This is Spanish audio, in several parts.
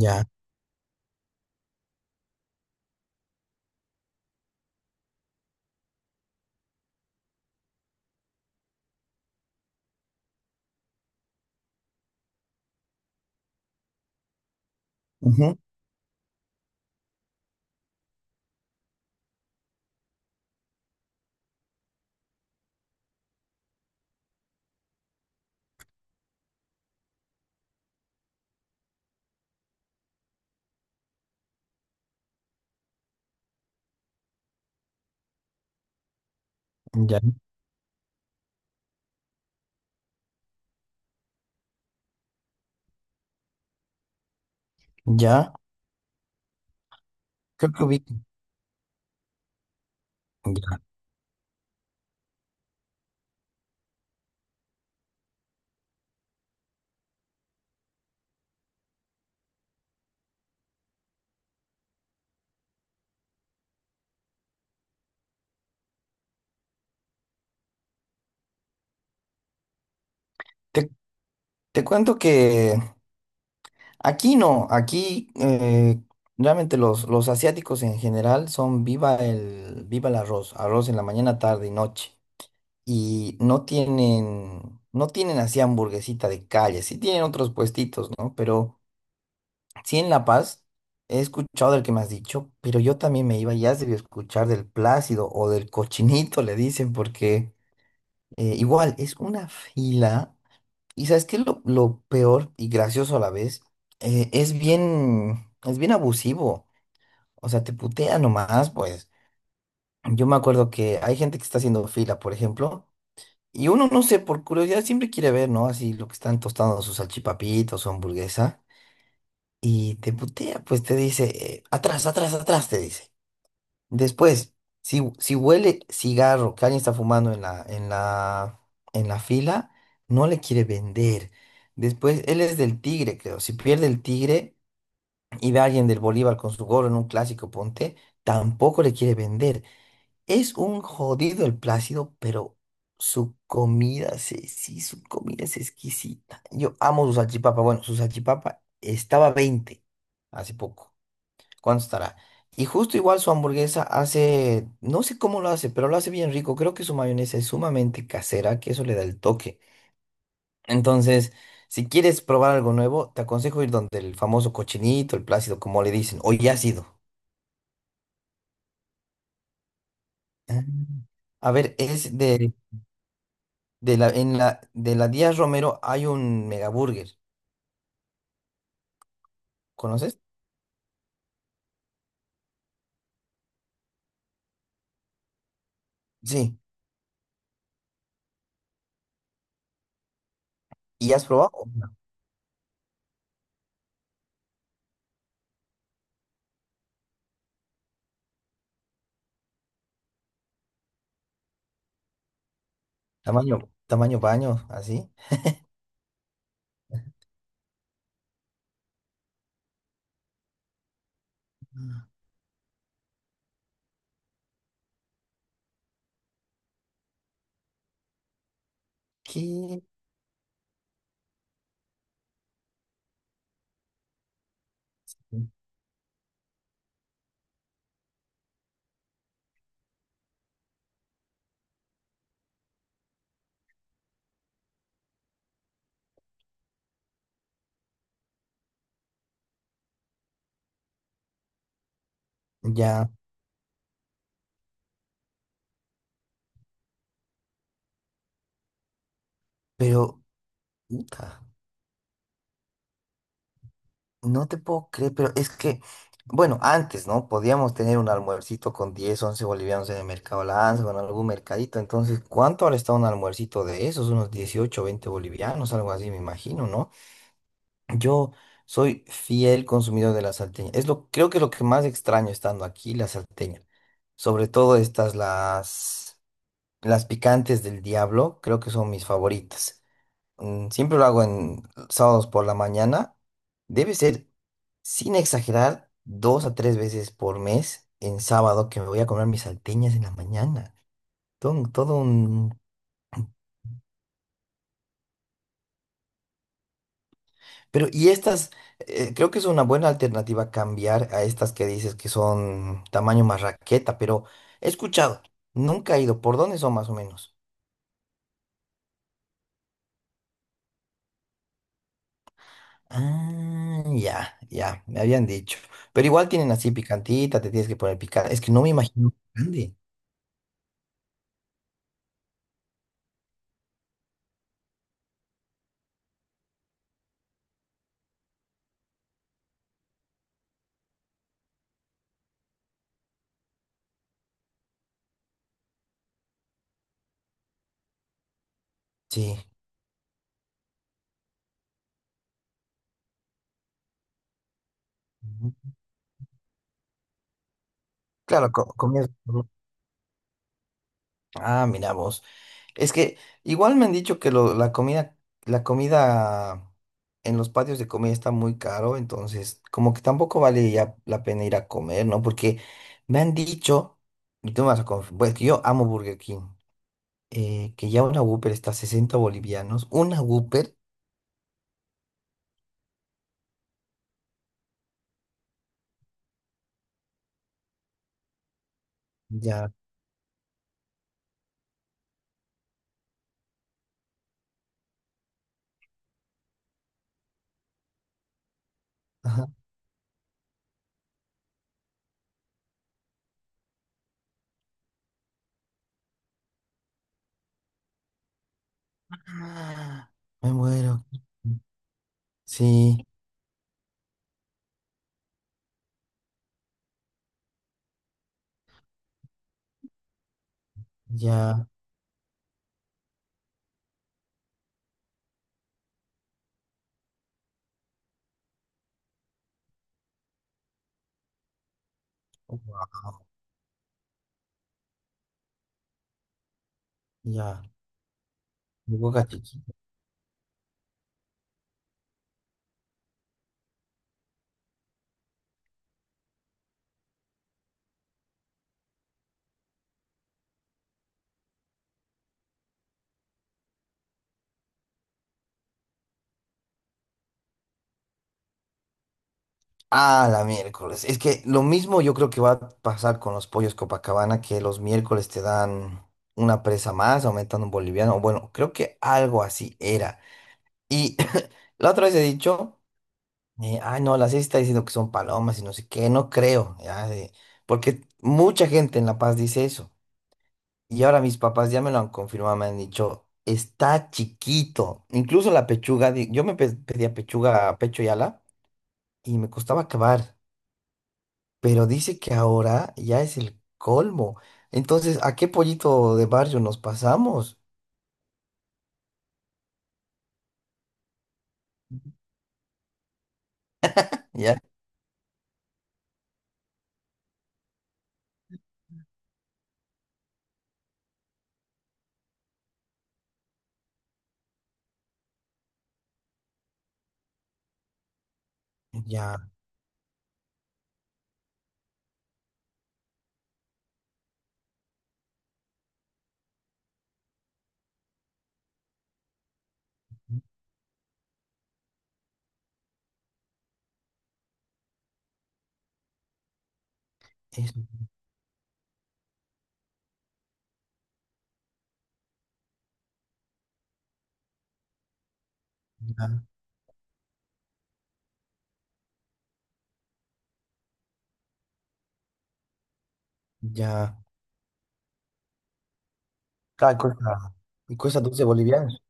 Ya, ujú, ya, ya, creo que ubico, ya. Te, te cuento que aquí no, aquí realmente los asiáticos en general son viva el arroz, arroz en la mañana, tarde y noche. Y no tienen, no tienen así hamburguesita de calle, sí tienen otros puestitos, ¿no? Pero sí en La Paz he escuchado del que me has dicho, pero yo también me iba, ya has debido escuchar del Plácido o del Cochinito, le dicen, porque... igual, es una fila. Y sabes qué es lo peor y gracioso a la vez. Es bien, es bien abusivo. O sea, te putea nomás, pues. Yo me acuerdo que hay gente que está haciendo fila, por ejemplo, y uno, no sé, por curiosidad siempre quiere ver, ¿no? Así lo que están tostando sus salchipapitos, su hamburguesa. Y te putea, pues te dice, atrás, atrás, atrás, te dice. Después, si, si huele cigarro que alguien está fumando en en la fila, no le quiere vender. Después, él es del Tigre, creo. Si pierde el Tigre y ve a alguien del Bolívar con su gorro en un clásico ponte, tampoco le quiere vender. Es un jodido el Plácido, pero su comida, se- sí, su comida es exquisita. Yo amo su salchipapa. Bueno, su salchipapa estaba 20 hace poco. ¿Cuánto estará? Y justo igual su hamburguesa hace, no sé cómo lo hace, pero lo hace bien rico. Creo que su mayonesa es sumamente casera, que eso le da el toque. Entonces, si quieres probar algo nuevo, te aconsejo ir donde el famoso Cochinito, el Plácido, como le dicen, o ya ácido. Ah. A ver, es en la Díaz Romero hay un Megaburger. ¿Conoces? Sí. ¿Y has probado? No. Tamaño, tamaño baño, así. Ah. ¿Qué? Ya, pero... puta. No te puedo creer, pero es que, bueno, antes, ¿no? Podíamos tener un almuercito con 10 11 bolivianos en el Mercado Lanza o en algún mercadito. Entonces, ¿cuánto ahora está un almuercito de esos? Unos 18 20 bolivianos, algo así, me imagino, ¿no? Yo soy fiel consumidor de la salteña. Es lo, creo que es lo que más extraño estando aquí, la salteña. Sobre todo estas, las picantes del diablo, creo que son mis favoritas. Siempre lo hago en sábados por la mañana. Debe ser, sin exagerar, dos a tres veces por mes en sábado que me voy a comer mis salteñas en la mañana. Todo un... Pero, y estas, creo que es una buena alternativa cambiar a estas que dices que son tamaño más raqueta, pero he escuchado, nunca he ido. ¿Por dónde son más o menos? Ah, ya, ya, me habían dicho. Pero igual tienen así picantita, te tienes que poner picante. Es que no me imagino grande. Sí. Ujú. Claro, co- comida. Ujú. Ah, mira vos. Es que igual me han dicho que lo- la comida en los patios de comida está muy caro, entonces como que tampoco vale ya la pena ir a comer, ¿no? Porque me han dicho, y tú me vas a confirmar, pues que yo amo Burger King, que ya una Whopper está a 60 bolivianos, una Whopper, ya. Ajá. Ah, me muero. Sí, ya, wow, ya. Mi boca. Ah, la miércoles. Es que lo mismo yo creo que va a pasar con los pollos Copacabana, que los miércoles te dan una presa más, aumentando un boliviano. Bueno, creo que algo así era. Y la otra vez he dicho, ay no, la CIS está diciendo que son palomas y no sé qué, no creo, ya, de- porque mucha gente en La Paz dice eso. Y ahora mis papás ya me lo han confirmado, me han dicho, está chiquito. Incluso la pechuga, di- yo me pe- pedía pechuga, pecho y ala, y me costaba acabar. Pero dice que ahora ya es el colmo. Entonces, ¿a qué pollito de barrio nos pasamos? Ya, ya, es- ya, ya. Claro, y cuesta 12 bolivianos.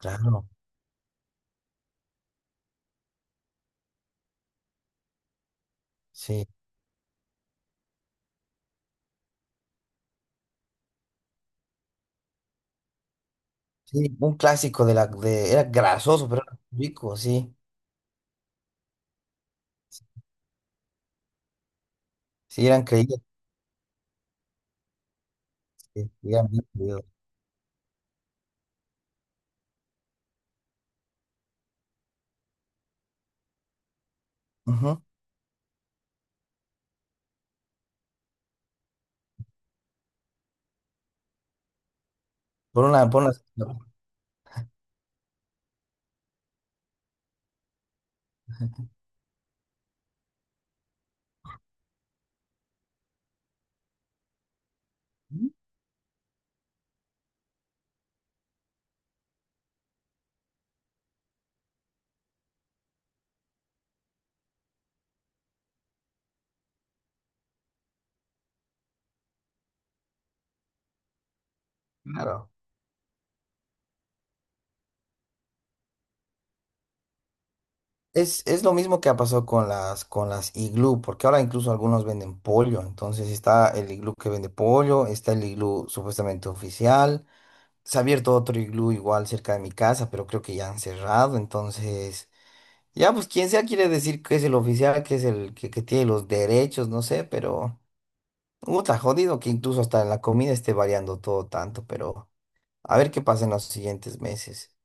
Claro, sí. Sí, un clásico de la, de, era grasoso, pero era rico, sí. Sí, eran creídos, sí, eran bien creídos. Ujú. Por una, por una. Claro. Es lo mismo que ha pasado con las iglú, porque ahora incluso algunos venden pollo. Entonces está el iglú que vende pollo, está el iglú supuestamente oficial. Se ha abierto otro iglú igual cerca de mi casa, pero creo que ya han cerrado. Entonces, ya pues quien sea quiere decir que es el oficial, que es el que tiene los derechos, no sé, pero está jodido que incluso hasta en la comida esté variando todo tanto, pero a ver qué pasa en los siguientes meses.